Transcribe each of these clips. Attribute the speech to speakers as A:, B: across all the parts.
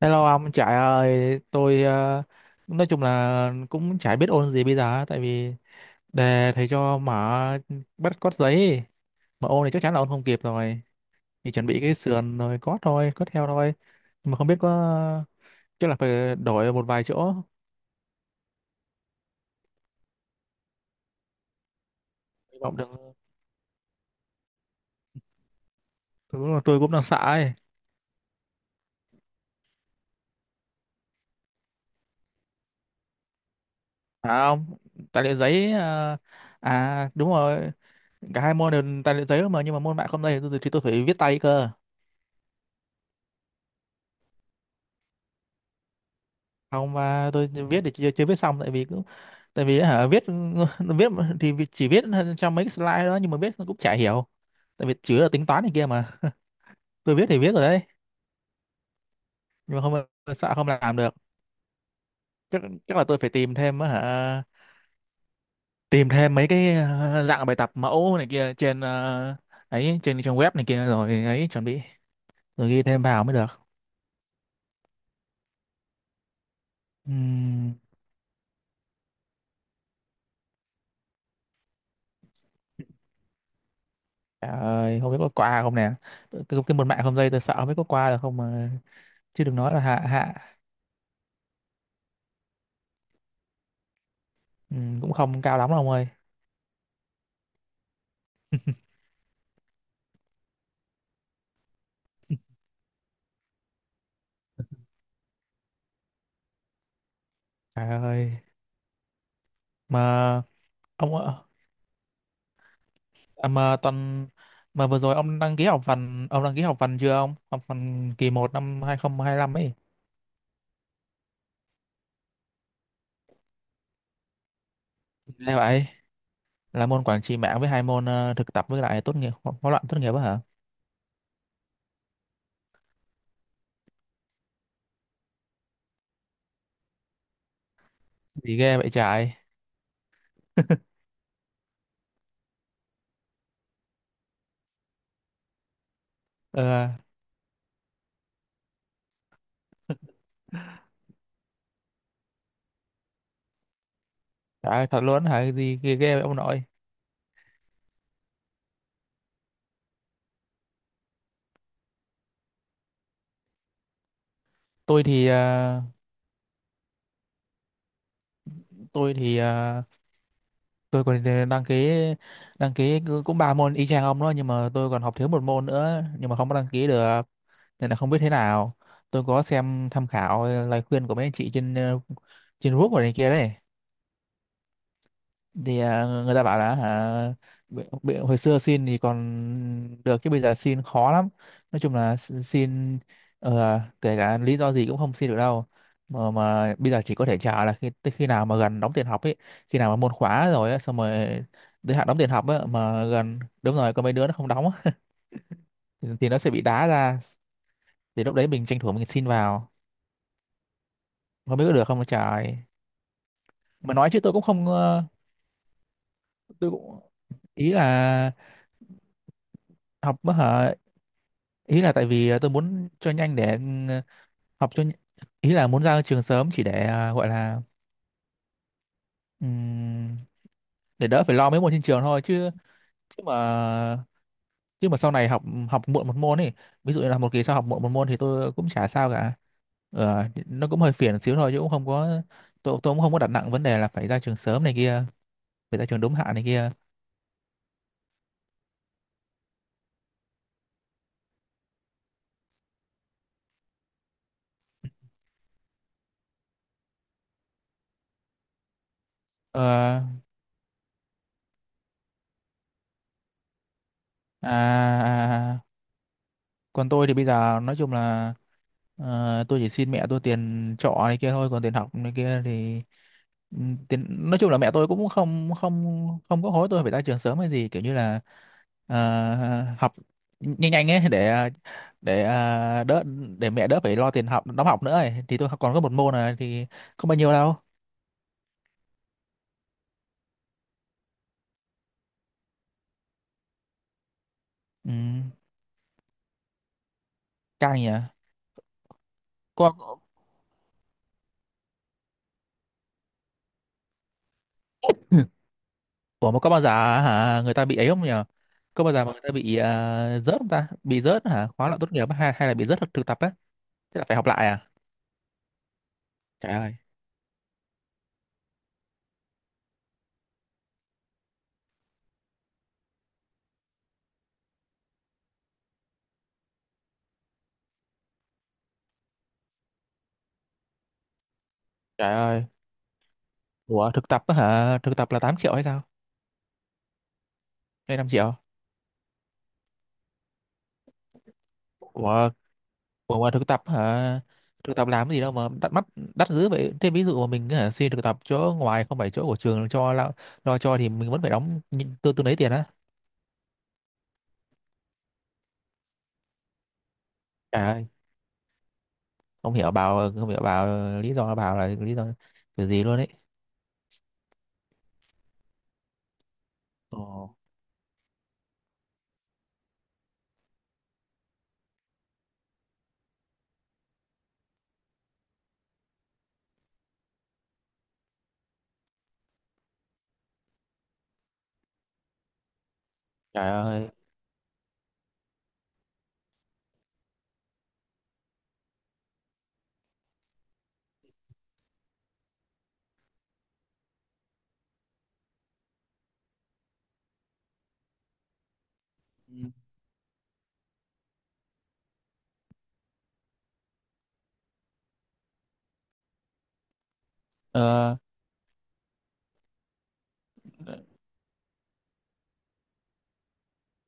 A: Hello ông Trải ơi, tôi nói chung là cũng chả biết ôn gì bây giờ á, tại vì đề thầy cho mở bắt cót giấy mà ôn thì chắc chắn là ôn không kịp rồi, thì chuẩn bị cái sườn rồi cót thôi, cót theo thôi. Nhưng mà không biết có, chắc là phải đổi một vài chỗ. Hy vọng được, đúng là tôi cũng đang sợ ấy. À không, tài liệu giấy à đúng rồi, cả hai môn đều tài liệu giấy đó mà. Nhưng mà môn mạng không đây thì tôi phải viết tay cơ. Không, mà tôi viết thì chưa viết xong, tại vì cũng tại vì hả viết, viết thì chỉ viết trong mấy cái slide đó, nhưng mà viết cũng chả hiểu tại vì chủ yếu là tính toán này kia mà. Tôi viết thì viết rồi đấy, nhưng mà không, sợ không làm được. Chắc chắc là tôi phải tìm thêm á hả, tìm thêm mấy cái dạng bài tập mẫu này kia trên ấy, trên trang web này kia rồi ấy chuẩn bị, rồi ghi thêm vào mới được. Ừm, trời ơi không biết có qua không nè. Cái môn mạng không dây tôi sợ không biết có qua được không mà, chứ đừng nói là hạ hạ. Ừ, cũng không cao lắm đâu ông ơi. Trời ơi. Mà ông, à, mà tuần mà vừa rồi ông đăng ký học phần chưa ông? Học phần kỳ 1 năm 2025 ấy. Nghe vậy là môn quản trị mạng với hai môn thực tập với lại tốt nghiệp, hóa luận tốt nghiệp á hả? Gì ghê vậy trời. Ờ, trời ơi, thật luôn hả? Gì ghê, ghê vậy ông nội. Tôi thì ờ, tôi thì ờ, tôi còn đăng ký cũng ba môn y chang ông đó, nhưng mà tôi còn học thiếu một môn nữa nhưng mà không có đăng ký được. Nên là không biết thế nào. Tôi có xem tham khảo lời khuyên của mấy anh chị trên trên group ở này kia đấy. Thì người ta bảo là hả, hồi xưa xin thì còn được, chứ bây giờ xin khó lắm. Nói chung là, xin kể cả lý do gì cũng không xin được đâu. Mà bây giờ chỉ có thể chờ là khi tới khi nào mà gần đóng tiền học ấy, khi nào mà môn khóa rồi á, xong rồi tới hạn đóng tiền học á mà gần đúng rồi có mấy đứa nó không đóng á, thì nó sẽ bị đá ra, thì lúc đấy mình tranh thủ mình xin vào. Không biết có được không trời. Mà nói chứ tôi cũng không tôi cũng, ý là học á hả, ý là tại vì tôi muốn cho nhanh để học cho ý là muốn ra trường sớm, chỉ để gọi là ừm, để đỡ phải lo mấy môn trên trường thôi chứ. Chứ mà chứ mà sau này học, học muộn một môn ấy, ví dụ như là một kỳ sau học muộn một môn thì tôi cũng chả sao cả. Ờ, nó cũng hơi phiền xíu thôi chứ cũng không có, tôi cũng không có đặt nặng vấn đề là phải ra trường sớm này kia, phải ra trường đúng hạn này kia. Ờ, à, à, à, à. Còn tôi thì bây giờ nói chung là tôi chỉ xin mẹ tôi tiền trọ này kia thôi, còn tiền học này kia thì ừ, tiền nói chung là mẹ tôi cũng không không không có hối tôi phải ra trường sớm hay gì, kiểu như là ờ, học nhanh nhanh ấy để để ờ, đỡ để mẹ đỡ phải lo tiền học, đóng học nữa ấy. Thì tôi còn có một môn này thì không bao nhiêu đâu. Ừ, căng nhỉ. Có, ủa mà có bao giờ hả, người ta bị ấy không nhỉ? Có bao giờ mà người ta bị rớt không ta? Bị rớt hả? Khóa luận tốt nghiệp á, hay hay là bị rớt thực thực tập á? Thế là phải học lại à? Trời ơi, trời ơi. Ủa thực tập á hả? Thực tập là 8 triệu hay sao? Hay 5 triệu? Ủa, ủa mà thực tập hả? Thực tập làm cái gì đâu mà đắt dữ vậy. Thế ví dụ mà mình hả, xin thực tập chỗ ngoài không phải chỗ của trường cho lo, lo cho thì mình vẫn phải đóng tương tương đấy tiền á. Trời ơi, không hiểu bảo lý do, bảo là lý do kiểu gì luôn ấy. Ồ, trời ơi. Ờ,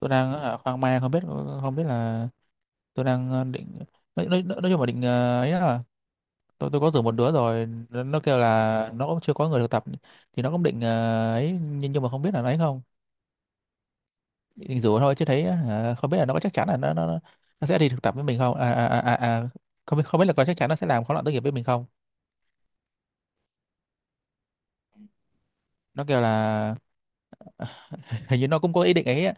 A: tôi đang ở khoang mang, không biết là tôi đang định nói chung là định ấy đó. Tôi có rủ một đứa rồi, nó kêu là nó cũng chưa có người thực tập, thì nó cũng định ấy, nhưng mà không biết là nó ấy không, định rủ thôi chứ thấy không biết là nó có chắc chắn là nó sẽ đi thực tập với mình không. Không biết là có chắc chắn nó sẽ làm khóa luận tốt nghiệp với mình không. Nó kêu là hình như nó cũng có ý định ấy á,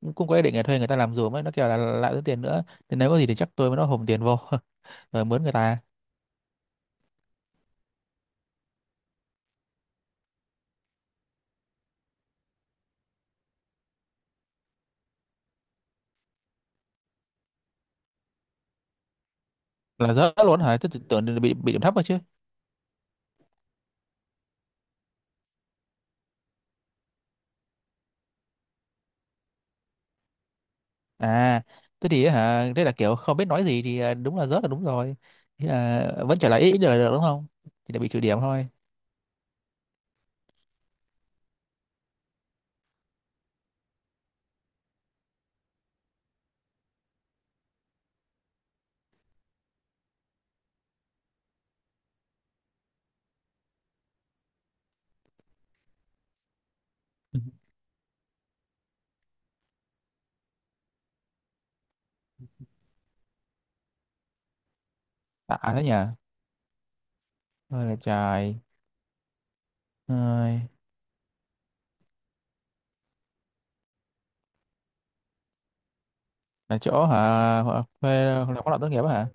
A: cũng cũng có ý định là thuê người ta làm giùm ấy. Nó kêu là lại tốn tiền nữa, thì nếu có gì thì chắc tôi với nó hùm tiền vô rồi mướn người ta. Là rớt luôn hả? Tôi tưởng là bị điểm thấp rồi chứ. À thế thì hả, thế là kiểu không biết nói gì thì, đúng là rớt là đúng rồi. Thế là vẫn trở lại, ít ít được là được đúng không? Thì là bị trừ điểm thôi. Tạ thế nhỉ, ôi là trời ơi. Là chỗ hả, thuê là khóa luận tốt nghiệp á hả?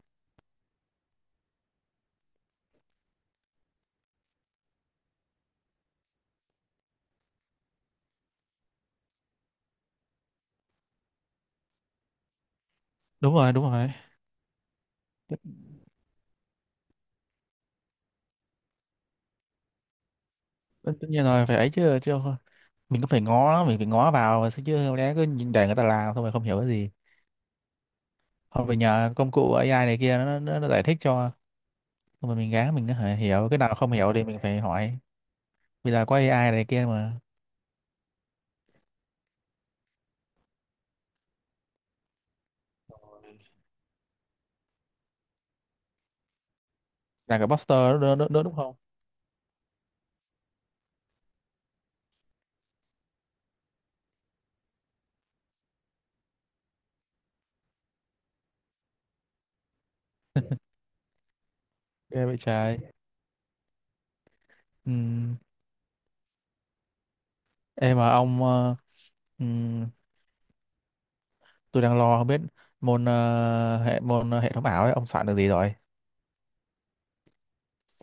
A: Đúng rồi, đúng rồi. Tất tất nhiên rồi phải ấy chứ, mình phải ngó vào mà, chứ không lẽ cứ nhìn để người ta làm xong rồi không hiểu cái gì. Hoặc phải nhờ công cụ AI này kia, nó giải thích cho. Xong rồi mình có thể hiểu, cái nào không hiểu thì mình phải hỏi. Vì là có AI này kia mà. Là cái poster đó đúng không? Ghê vậy trời. Ừm. Ê mà ông ừm, tôi đang lo không biết, môn hệ thống ảo ấy, ông soạn được gì rồi?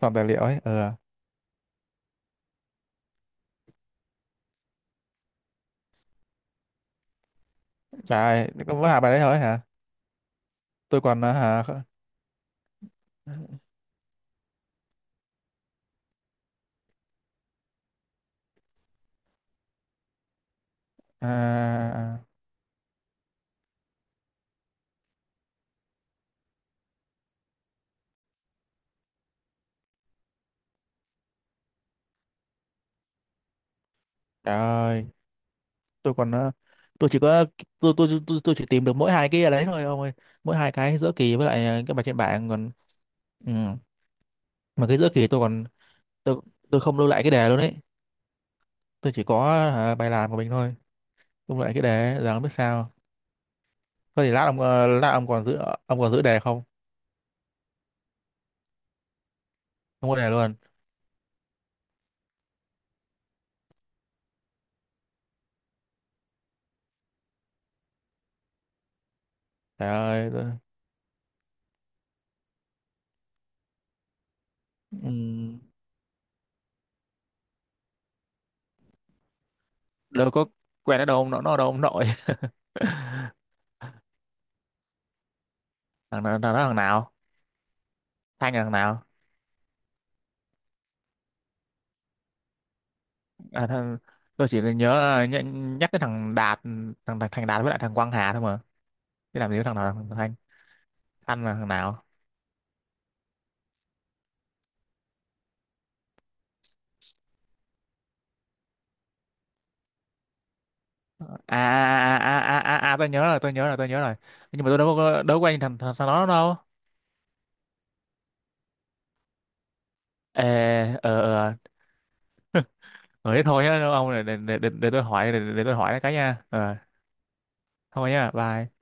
A: Soạn tài liệu ấy. Ừ. Trời ơi, có mỗi hai bài đấy thôi hả? Tôi còn ờ, hả à, trời ơi, tôi còn ờ, tôi chỉ có tôi chỉ tìm được mỗi hai cái đấy thôi ông ơi. Mỗi hai cái giữa kỳ với lại cái bài trên bảng còn. Ừ. Mà cái giữa kỳ tôi còn, tôi tôi không lưu lại cái đề luôn đấy. Tôi chỉ có bài làm của mình thôi, cũng lại cái đề giờ không biết sao. Có thể lát ông lát ông còn giữ đề không? Không có đề luôn. Trời ơi ừm, đâu có, quen ở đâu ông, nó ở đâu ông nội? Thằng nào, đó thằng nào? Thanh là thằng nào? À, tôi chỉ nhớ nhắc cái thằng Đạt, thằng Thành Đạt với lại thằng Quang Hà thôi mà, chứ làm gì có thằng nào thằng Thanh? Thanh là thằng nào? à tôi nhớ rồi, tôi nhớ rồi, tôi nhớ rồi. Nhưng mà tôi đâu có quen thằng thằng, thằng đó đâu. Ê, ờ ờ Ờ thế thôi nhá. Ông để tôi hỏi, để tôi hỏi cái nha. Ờ thôi nhá, bye.